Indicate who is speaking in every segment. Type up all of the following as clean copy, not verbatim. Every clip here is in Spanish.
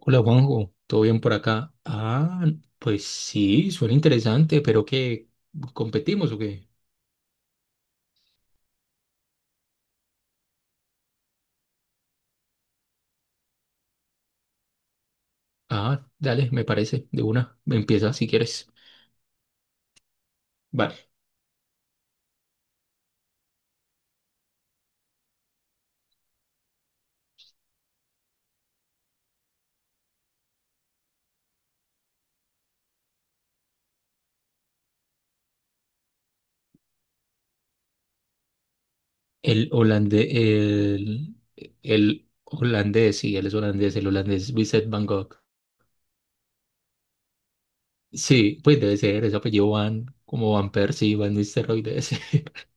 Speaker 1: Hola Juanjo, ¿todo bien por acá? Pues sí, suena interesante, pero ¿qué? ¿Competimos o qué? Ah, dale, me parece, de una, empieza si quieres. Vale, el holandés, el, el holandés, sí, él es holandés, el holandés Vincent Van Gogh. Sí, pues debe ser, ese apellido Van, como Van Persie, Van Nistelrooy, debe ser.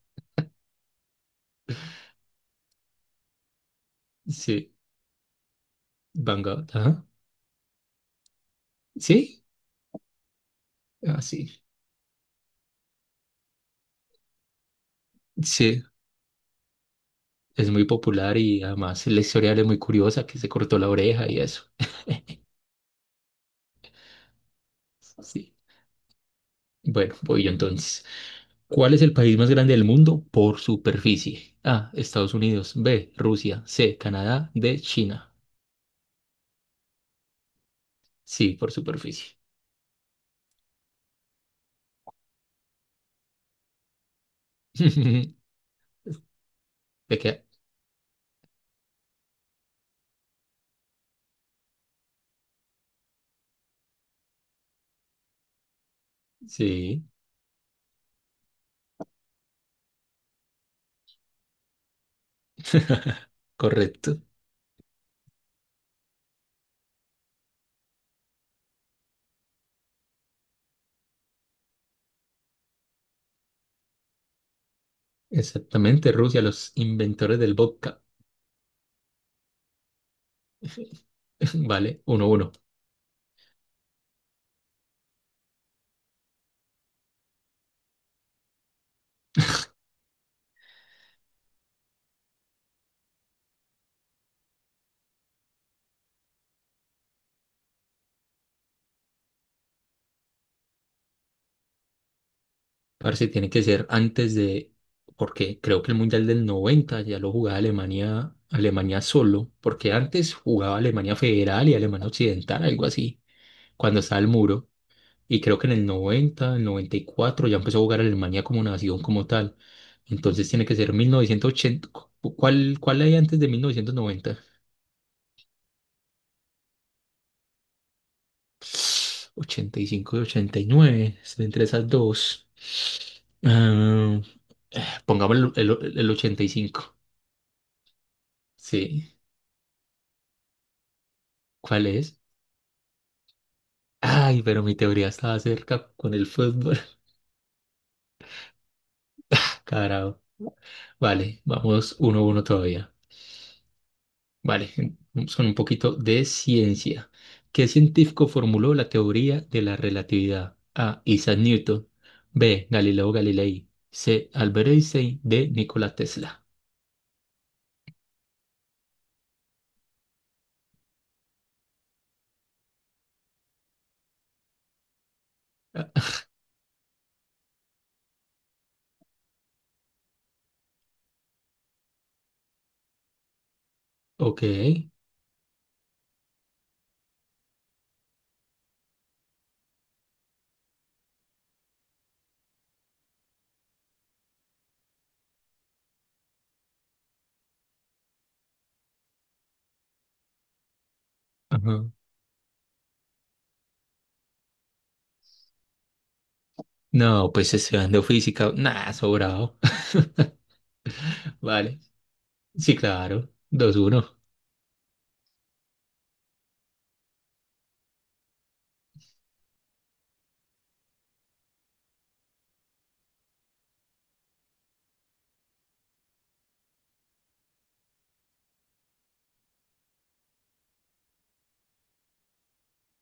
Speaker 1: Sí, Van Gogh, ajá. Sí, así. Sí, sí, es muy popular y además la historia de él es muy curiosa, que se cortó la oreja y eso. Sí. Bueno, voy yo entonces. ¿Cuál es el país más grande del mundo por superficie? A, Estados Unidos. B, Rusia. C, Canadá. D, China. Sí, por superficie. ¿De qué? Sí, correcto. Exactamente, Rusia, los inventores del vodka. Vale, uno uno. Parece tiene que ser antes de, porque creo que el Mundial del 90 ya lo jugaba Alemania, Alemania solo, porque antes jugaba Alemania Federal y Alemania Occidental, algo así, cuando estaba el muro. Y creo que en el 90, el 94 ya empezó a jugar Alemania como nación, como tal. Entonces tiene que ser 1980. ¿Cuál, hay antes de 1990? 85 y 89. Estoy entre esas dos. Ah, pongamos el 85. Sí. ¿Cuál es? Ay, pero mi teoría estaba cerca con el fútbol. Carajo. Vale, vamos uno a uno todavía. Vale, vamos con un poquito de ciencia. ¿Qué científico formuló la teoría de la relatividad? A, Isaac Newton. B, Galileo Galilei. C, Albert Einstein. D, Nikola Tesla. Ah, ah, ok. Ajá. No, pues estudiando física. Nah, sobrado. Vale. Sí, claro. Dos uno.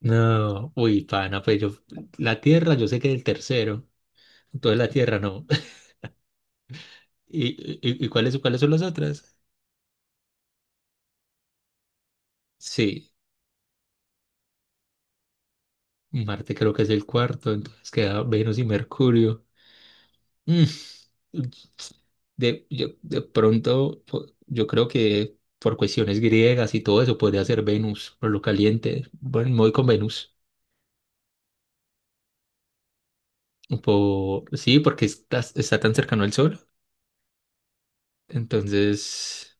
Speaker 1: No, uy, pana, la Tierra, yo sé que es el tercero, entonces la Tierra no. ¿Y, y cuáles, cuáles son las otras? Sí, Marte creo que es el cuarto, entonces queda Venus y Mercurio. Mm, De, de pronto, yo creo que por cuestiones griegas y todo eso podría ser Venus, por lo caliente. Bueno, me voy con Venus. Por sí, porque está, está tan cercano al Sol. Entonces,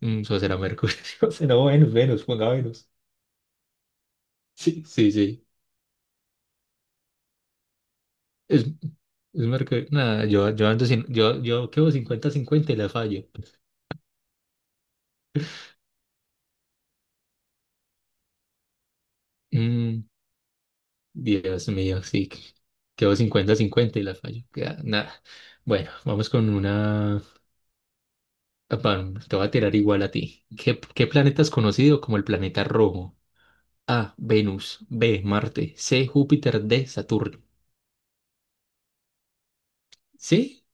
Speaker 1: eso será Mercurio. Si no, Venus, Venus, ponga Venus. Sí, sí, sí. Es Mercurio. Nada, yo ando sin, yo quedo cincuenta cincuenta y la fallo. Mm, Dios mío, sí. Quedó cincuenta cincuenta y la fallo. Queda nada. Bueno, vamos con una. Papá, te voy a tirar igual a ti. Qué planeta es conocido como el planeta rojo? A, Venus. B, Marte. C, Júpiter. D, Saturno. ¿Sí?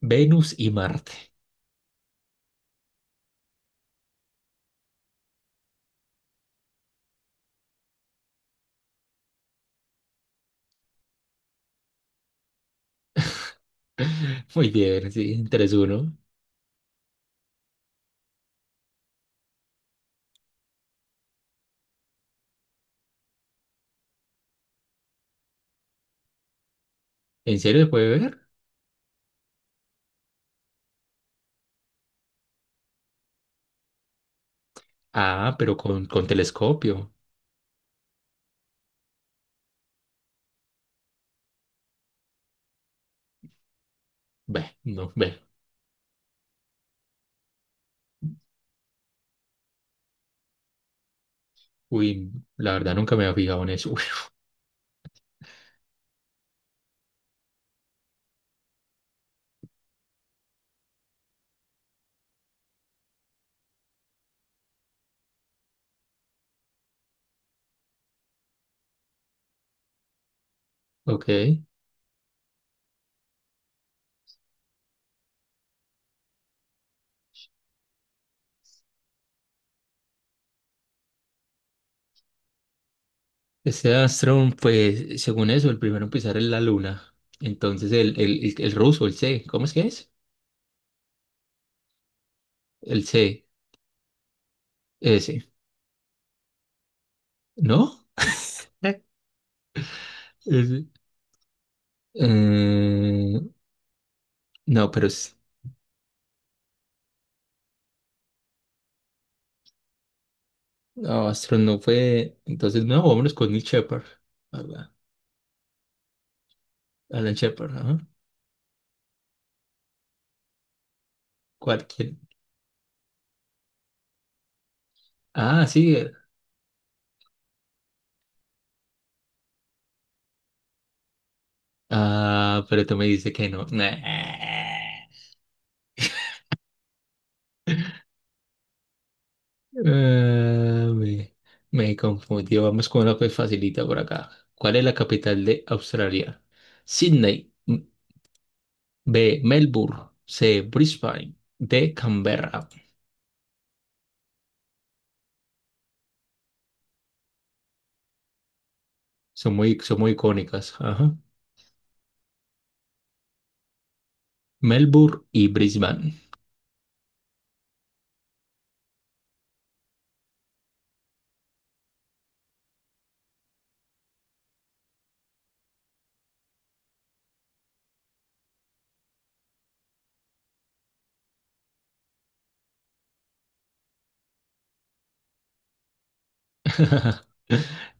Speaker 1: Venus y Marte. Muy bien, sí. Tres uno. ¿En serio se puede ver? Ah, pero con telescopio. Ve, no, ve. Uy, la verdad nunca me había fijado en eso. Ok. Este Astron, pues, según eso, el primero en pisar es la luna. Entonces, el ruso, el C, ¿cómo es que es? El C, ese, ¿no? Eh, Ese. Eh, no, pero es, no, Astron no fue. Entonces, no, vámonos con Nick Shepard. Ala- Alan Shepard, ajá. ¿Cuál quién? Ah, sí. Ah, pero tú me dices que no. Nah. Ah, me, Me confundí. Vamos con una pues facilita por acá. ¿Cuál es la capital de Australia? Sydney. B, Melbourne. C, Brisbane. D, Canberra. Son muy icónicas. Ajá. Melbourne y Brisbane.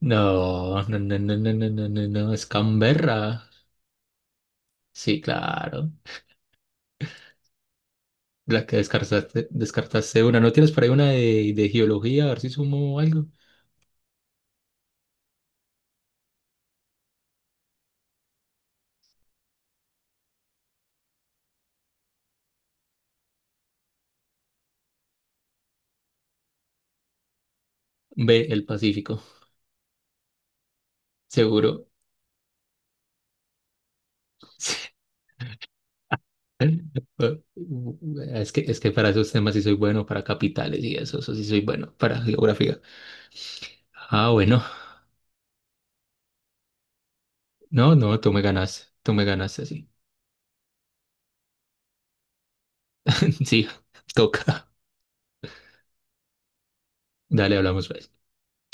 Speaker 1: No, no, no, no, no, no, no, no, no. Es Canberra. Sí, claro. La que descartaste, descartaste una. ¿No tienes por ahí de geología? A ver si sumo algo. B, el Pacífico. Seguro. Eh, es que para esos temas sí soy bueno, para capitales y eso sí soy bueno, para geografía. Ah, bueno, no, no, tú me ganas así. Sí, toca. Dale, hablamos pues.